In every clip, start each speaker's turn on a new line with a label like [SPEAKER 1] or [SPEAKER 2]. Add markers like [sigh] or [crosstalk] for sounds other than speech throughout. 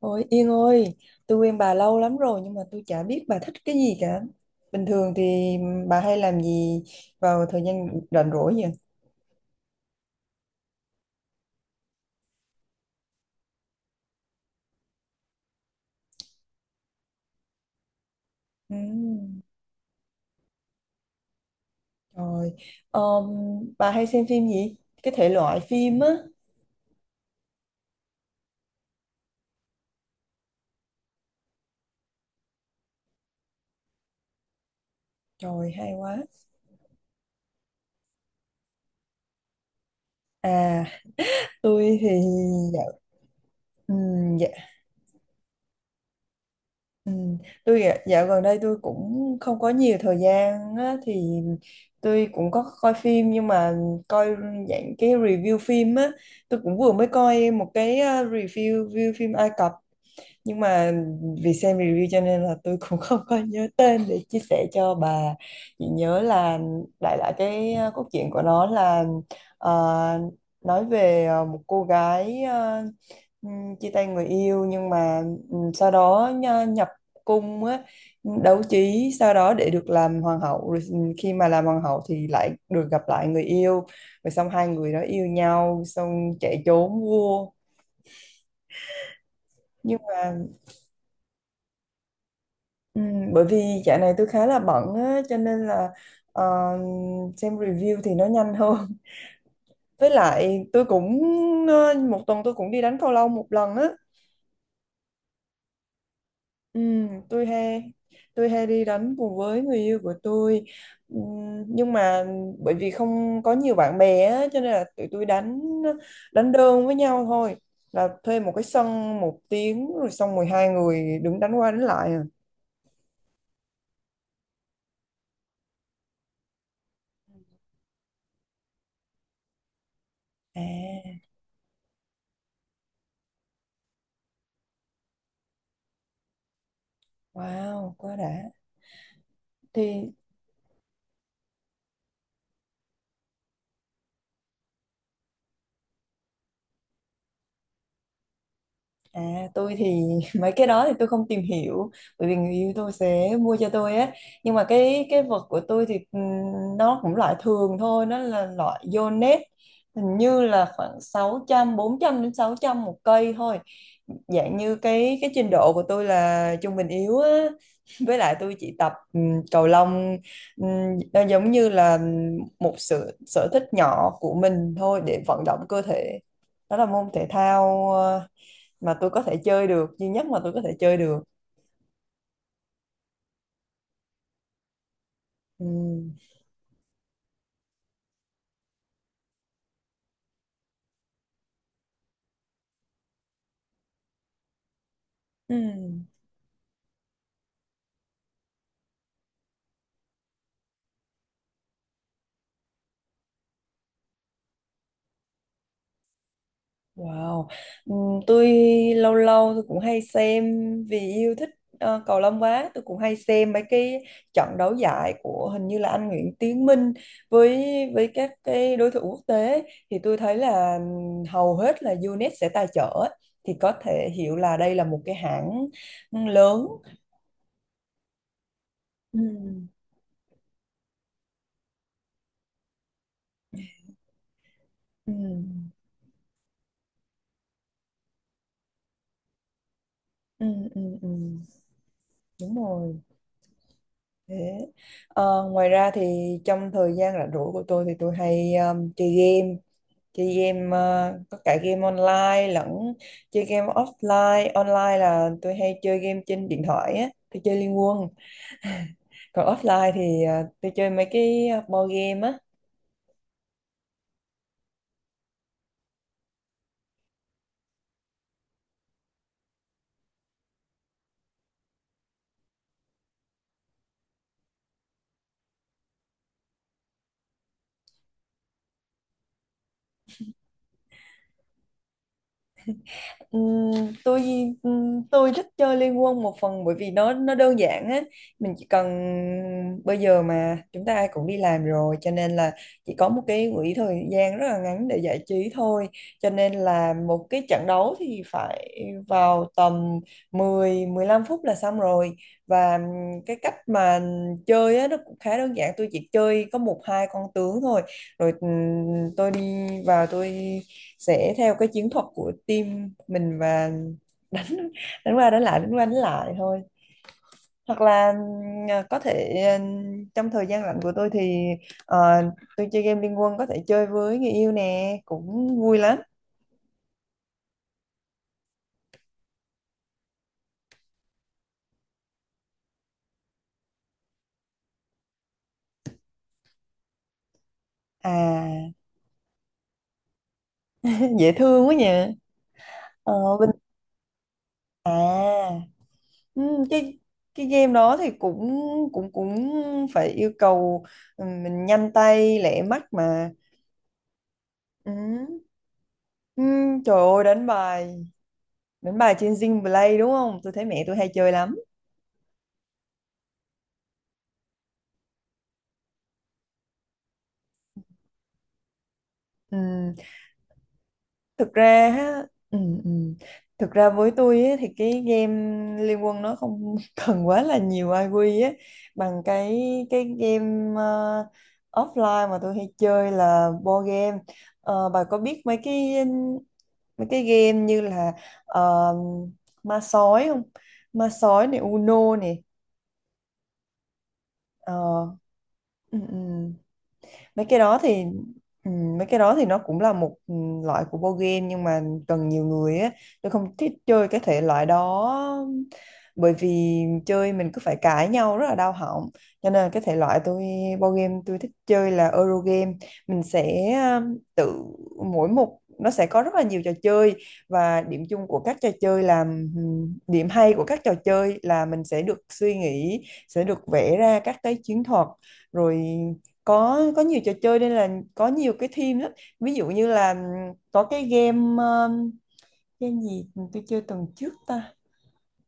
[SPEAKER 1] Ôi Yên ơi, tôi quen bà lâu lắm rồi nhưng mà tôi chả biết bà thích cái gì cả. Bình thường thì bà hay làm gì vào thời gian rảnh rỗi vậy? Ừ, trời. Ờm, bà hay xem phim gì? Cái thể loại phim á. Trời, hay quá. À, tôi thì dạ, tôi dạ dạo gần đây tôi cũng không có nhiều thời gian á, thì tôi cũng có coi phim nhưng mà coi dạng cái review phim á. Tôi cũng vừa mới coi một cái ờ, review review phim Ai Cập, nhưng mà vì xem review cho nên là tôi cũng [laughs] không có nhớ tên để chia sẻ cho bà, chỉ nhớ là đại loại cái cốt truyện của nó là, ờ, nói về, một cô gái, chia tay người yêu, nhưng mà sau đó nhập cung á, đấu trí sau đó để được làm hoàng hậu, rồi khi mà làm hoàng hậu thì lại được gặp lại người yêu, rồi xong hai người đó yêu nhau xong chạy trốn vua nhưng mà. Ừ, bởi vì dạo này tôi khá là bận á, cho nên là ờ, xem review thì nó nhanh hơn. [laughs] Với lại tôi cũng, một tuần tôi cũng đi đánh cầu lông một lần á. Ừ, tôi hay tôi hay đi đánh cùng với người yêu của tôi. Ừ, nhưng mà bởi vì không có nhiều bạn bè á, cho nên là tụi tôi đánh đánh đơn với nhau thôi. Là thuê một cái sân một tiếng rồi xong 12 người đứng đánh qua đánh lại à. À, wow, quá đã thì. À, tôi thì [laughs] mấy cái đó thì tôi không tìm hiểu, bởi vì người yêu tôi sẽ mua cho tôi á, nhưng mà cái vật của tôi thì nó cũng loại thường thôi, nó là loại Yonex, hình như là khoảng sáu trăm, bốn trăm đến 600 một cây thôi, dạng như cái trình độ của tôi là trung bình yếu á. [laughs] Với lại tôi chỉ tập cầu lông, nó giống như là một sự sở thích nhỏ của mình thôi, để vận động cơ thể. Đó là môn thể thao mà tôi có thể chơi được duy nhất mà tôi có thể chơi được. Ừ. Ừ. Wow, ừ. Tôi lâu lâu tôi cũng hay xem, vì yêu thích cầu lông quá, tôi cũng hay xem mấy cái trận đấu giải của hình như là anh Nguyễn Tiến Minh với, các cái đối thủ quốc tế, thì tôi thấy là hầu hết là UNET sẽ tài trợ ấy. Thì có thể hiểu là đây là một cái hãng lớn. Ừ. Ừ. Ừ. Ừ. Ừ. Ừ, đúng rồi. Thế. Ờ, ngoài ra thì trong thời gian rảnh rỗi của tôi thì tôi hay chơi game, có cả game online lẫn chơi game offline. Online là tôi hay chơi game trên điện thoại á, tôi chơi Liên Quân. [laughs] Còn offline thì tôi chơi mấy cái board game á. Ừm, tôi tôi thích chơi Liên Quân một phần bởi vì nó đơn giản á. Mình chỉ cần, bây giờ mà chúng ta ai cũng đi làm rồi cho nên là chỉ có một cái quỹ thời gian rất là ngắn để giải trí thôi, cho nên là một cái trận đấu thì phải vào tầm 10 15 phút là xong rồi. Và ừ, cái cách mà chơi á nó cũng khá đơn giản, tôi chỉ chơi có một hai con tướng thôi, rồi tôi đi vào, tôi sẽ theo cái chiến thuật của team mình và đánh, đánh qua đánh lại đánh qua đánh lại thôi. Hoặc là có thể trong thời gian rảnh của tôi thì ờ, tôi chơi game Liên Quân, có thể chơi với người yêu nè, cũng vui lắm. À, [laughs] dễ thương quá nhỉ. Ờ, bên à cái game đó thì cũng cũng cũng phải yêu cầu mình nhanh tay lẹ mắt mà. Ừm. Trời ơi, đánh bài. Đúng bài trên Zing Play đúng không? Tôi thấy mẹ tôi hay chơi lắm. Ừm, thực ra ha, ừm, ừm. Thực ra với tôi á, thì cái game Liên Quân nó không [laughs] cần quá là nhiều IQ á, bằng cái cái game ờ, offline mà tôi hay chơi là board game. Ờ, bà có biết mấy cái game như là ờ, ma sói không? Ma sói này, Uno này. Ờ, ừ, ừ, mấy cái đó thì, ừ, mấy cái đó thì nó cũng là một, ừ, loại của board game nhưng mà cần nhiều người á. Tôi không thích chơi cái thể loại đó, bởi vì chơi mình cứ phải cãi nhau rất là đau họng. Cho nên cái thể loại tôi, board game tôi thích chơi là Eurogame. Mình sẽ tự, mỗi một nó sẽ có rất là nhiều trò chơi, và điểm chung của các trò chơi là, điểm hay của các trò chơi là mình sẽ được suy nghĩ, sẽ được vẽ ra các cái chiến thuật. Rồi có nhiều trò chơi nên là có nhiều cái theme lắm. Ví dụ như là có cái game, game gì tôi chơi tuần trước ta?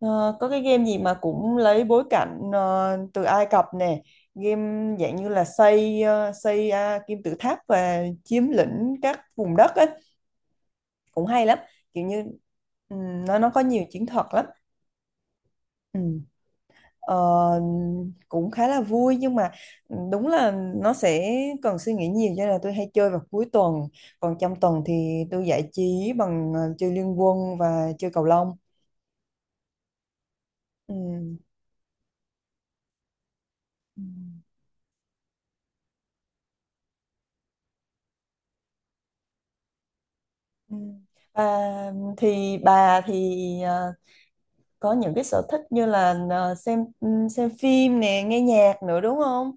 [SPEAKER 1] Ờ, có cái game gì mà cũng lấy bối cảnh từ Ai Cập nè, game dạng như là xây ờ, xây à, kim tự tháp và chiếm lĩnh các vùng đất ấy, cũng hay lắm. Kiểu như nó có nhiều chiến thuật lắm. Ừ. Ờ, cũng khá là vui nhưng mà, ừ, đúng là nó sẽ cần suy nghĩ nhiều, cho nên là tôi hay chơi vào cuối tuần. Còn trong tuần thì tôi giải trí bằng chơi liên quân và chơi cầu lông. Ừ. Ừ. Ừ. À, thì bà thì ờ, có những cái sở thích như là xem phim nè, nghe nhạc nữa đúng không,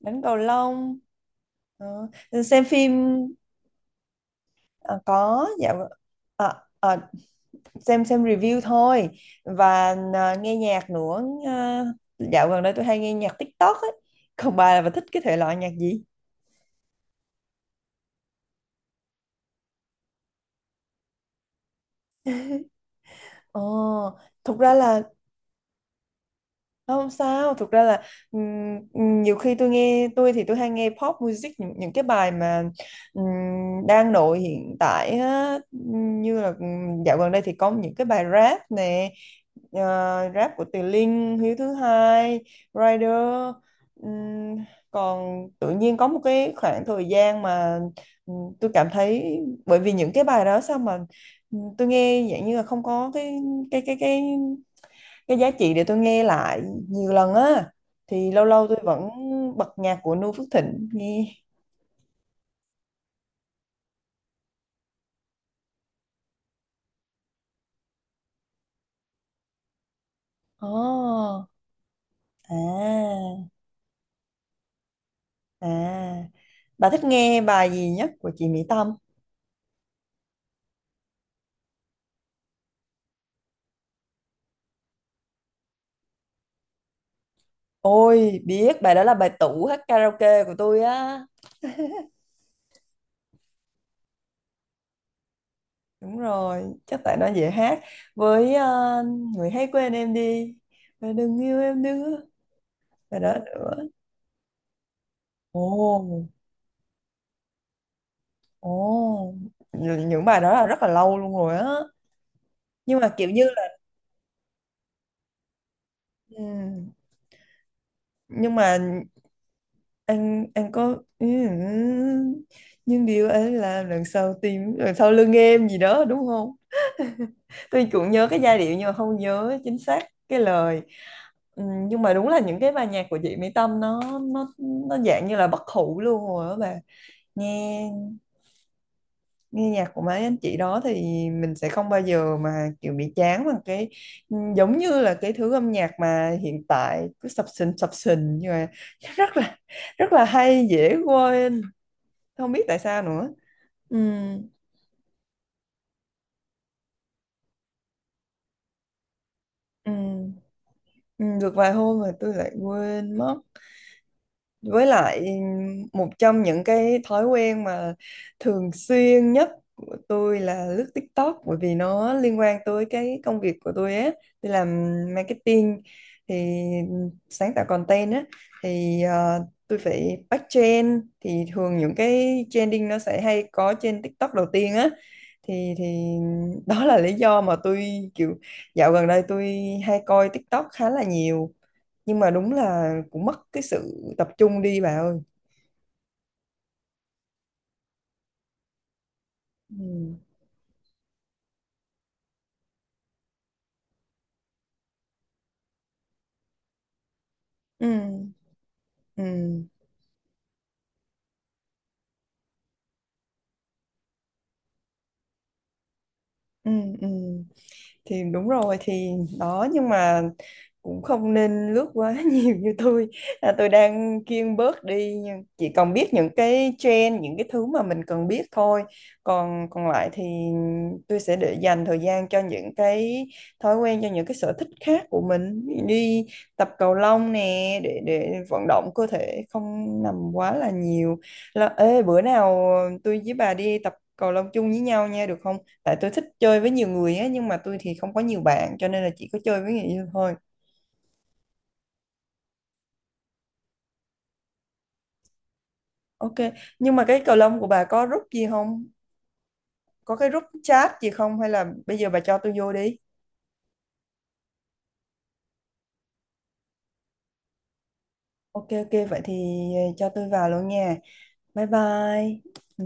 [SPEAKER 1] đánh cầu lông. Ờ, xem phim. Ờ, có, dạ v-, ờ, ờ, xem review thôi. Và à, nghe nhạc nữa. À, dạo gần đây tôi hay nghe nhạc TikTok ấy. Còn bà là bà thích cái thể loại nhạc gì? Ồ, thực ra là. Không sao, thực ra là ừm, nhiều khi tôi hay nghe pop music, những cái bài mà ừm, đang nổi hiện tại á. Như là dạo gần đây thì có những cái bài rap nè, ờ, rap của Từ Linh, Hiếu thứ hai, Rider. Ừm, còn tự nhiên có một cái khoảng thời gian mà tôi cảm thấy, bởi vì những cái bài đó sao mà tôi nghe dạng như là không có cái cái cái cái giá trị để tôi nghe lại nhiều lần á. Thì lâu lâu tôi vẫn bật nhạc của Noo Phước Thịnh nghe. Ồ. À. À, bà thích nghe bài gì nhất của chị Mỹ Tâm? Ôi, biết bài đó là bài tủ hát karaoke của tôi á. Đúng rồi, chắc tại nó dễ hát. Với người hãy quên em đi và đừng yêu em nữa, bài đó nữa. Ồ. Ồ, những bài đó là rất là lâu luôn rồi á, nhưng mà kiểu như là, ừ, nhưng mà anh có, ừ, ừ, nhưng điều anh làm đằng sau tim, đằng sau lưng em gì đó đúng không. Tôi cũng nhớ cái giai điệu nhưng mà không nhớ chính xác cái lời. Ừ, nhưng mà đúng là những cái bài nhạc của chị Mỹ Tâm nó dạng như là bất hủ luôn rồi đó bà. Nghe Nghe nhạc của mấy anh chị đó thì mình sẽ không bao giờ mà kiểu bị chán, bằng cái, ừ, giống như là cái thứ âm nhạc mà hiện tại cứ sập sình nhưng mà [laughs] rất là, rất là hay dễ quên, không biết tại sao nữa. Ừ, ừ, ừ, được vài hôm mà tôi lại quên mất. Với lại một trong những cái thói quen mà thường xuyên nhất của tôi là lướt TikTok, bởi vì nó liên quan tới cái công việc của tôi á. Tôi làm marketing, thì sáng tạo content á, thì tôi phải bắt trend, thì thường những cái trending nó sẽ hay có trên TikTok đầu tiên á. Thì [laughs] đó là lý do mà tôi kiểu dạo gần đây tôi hay coi TikTok khá là nhiều, nhưng mà đúng là cũng mất cái sự tập trung đi bà ơi. Ừ, ừ, ừ, ừ, ừ, thì đúng rồi, thì đó, nhưng mà cũng không nên lướt quá [laughs] nhiều như tôi. À, tôi đang kiêng bớt đi, nhưng chỉ còn biết những cái trend, những cái thứ mà mình cần biết thôi. Còn còn lại thì tôi sẽ để dành thời gian cho những cái thói quen, cho những cái sở thích khác của mình. Đi tập cầu lông nè, để vận động cơ thể, không nằm quá là nhiều. Là, ê, bữa nào tôi với bà đi tập cầu lông chung với nhau nha, được không? Tại tôi thích chơi với nhiều người á, nhưng mà tôi thì không có nhiều bạn, cho nên là chỉ có chơi với người yêu thôi. OK, nhưng mà cái cầu lông của bà có group gì không, có cái group chat gì không, hay là bây giờ bà cho tôi vô đi. OK, OK, vậy thì cho tôi vào luôn nha. Bye bye. Ừ.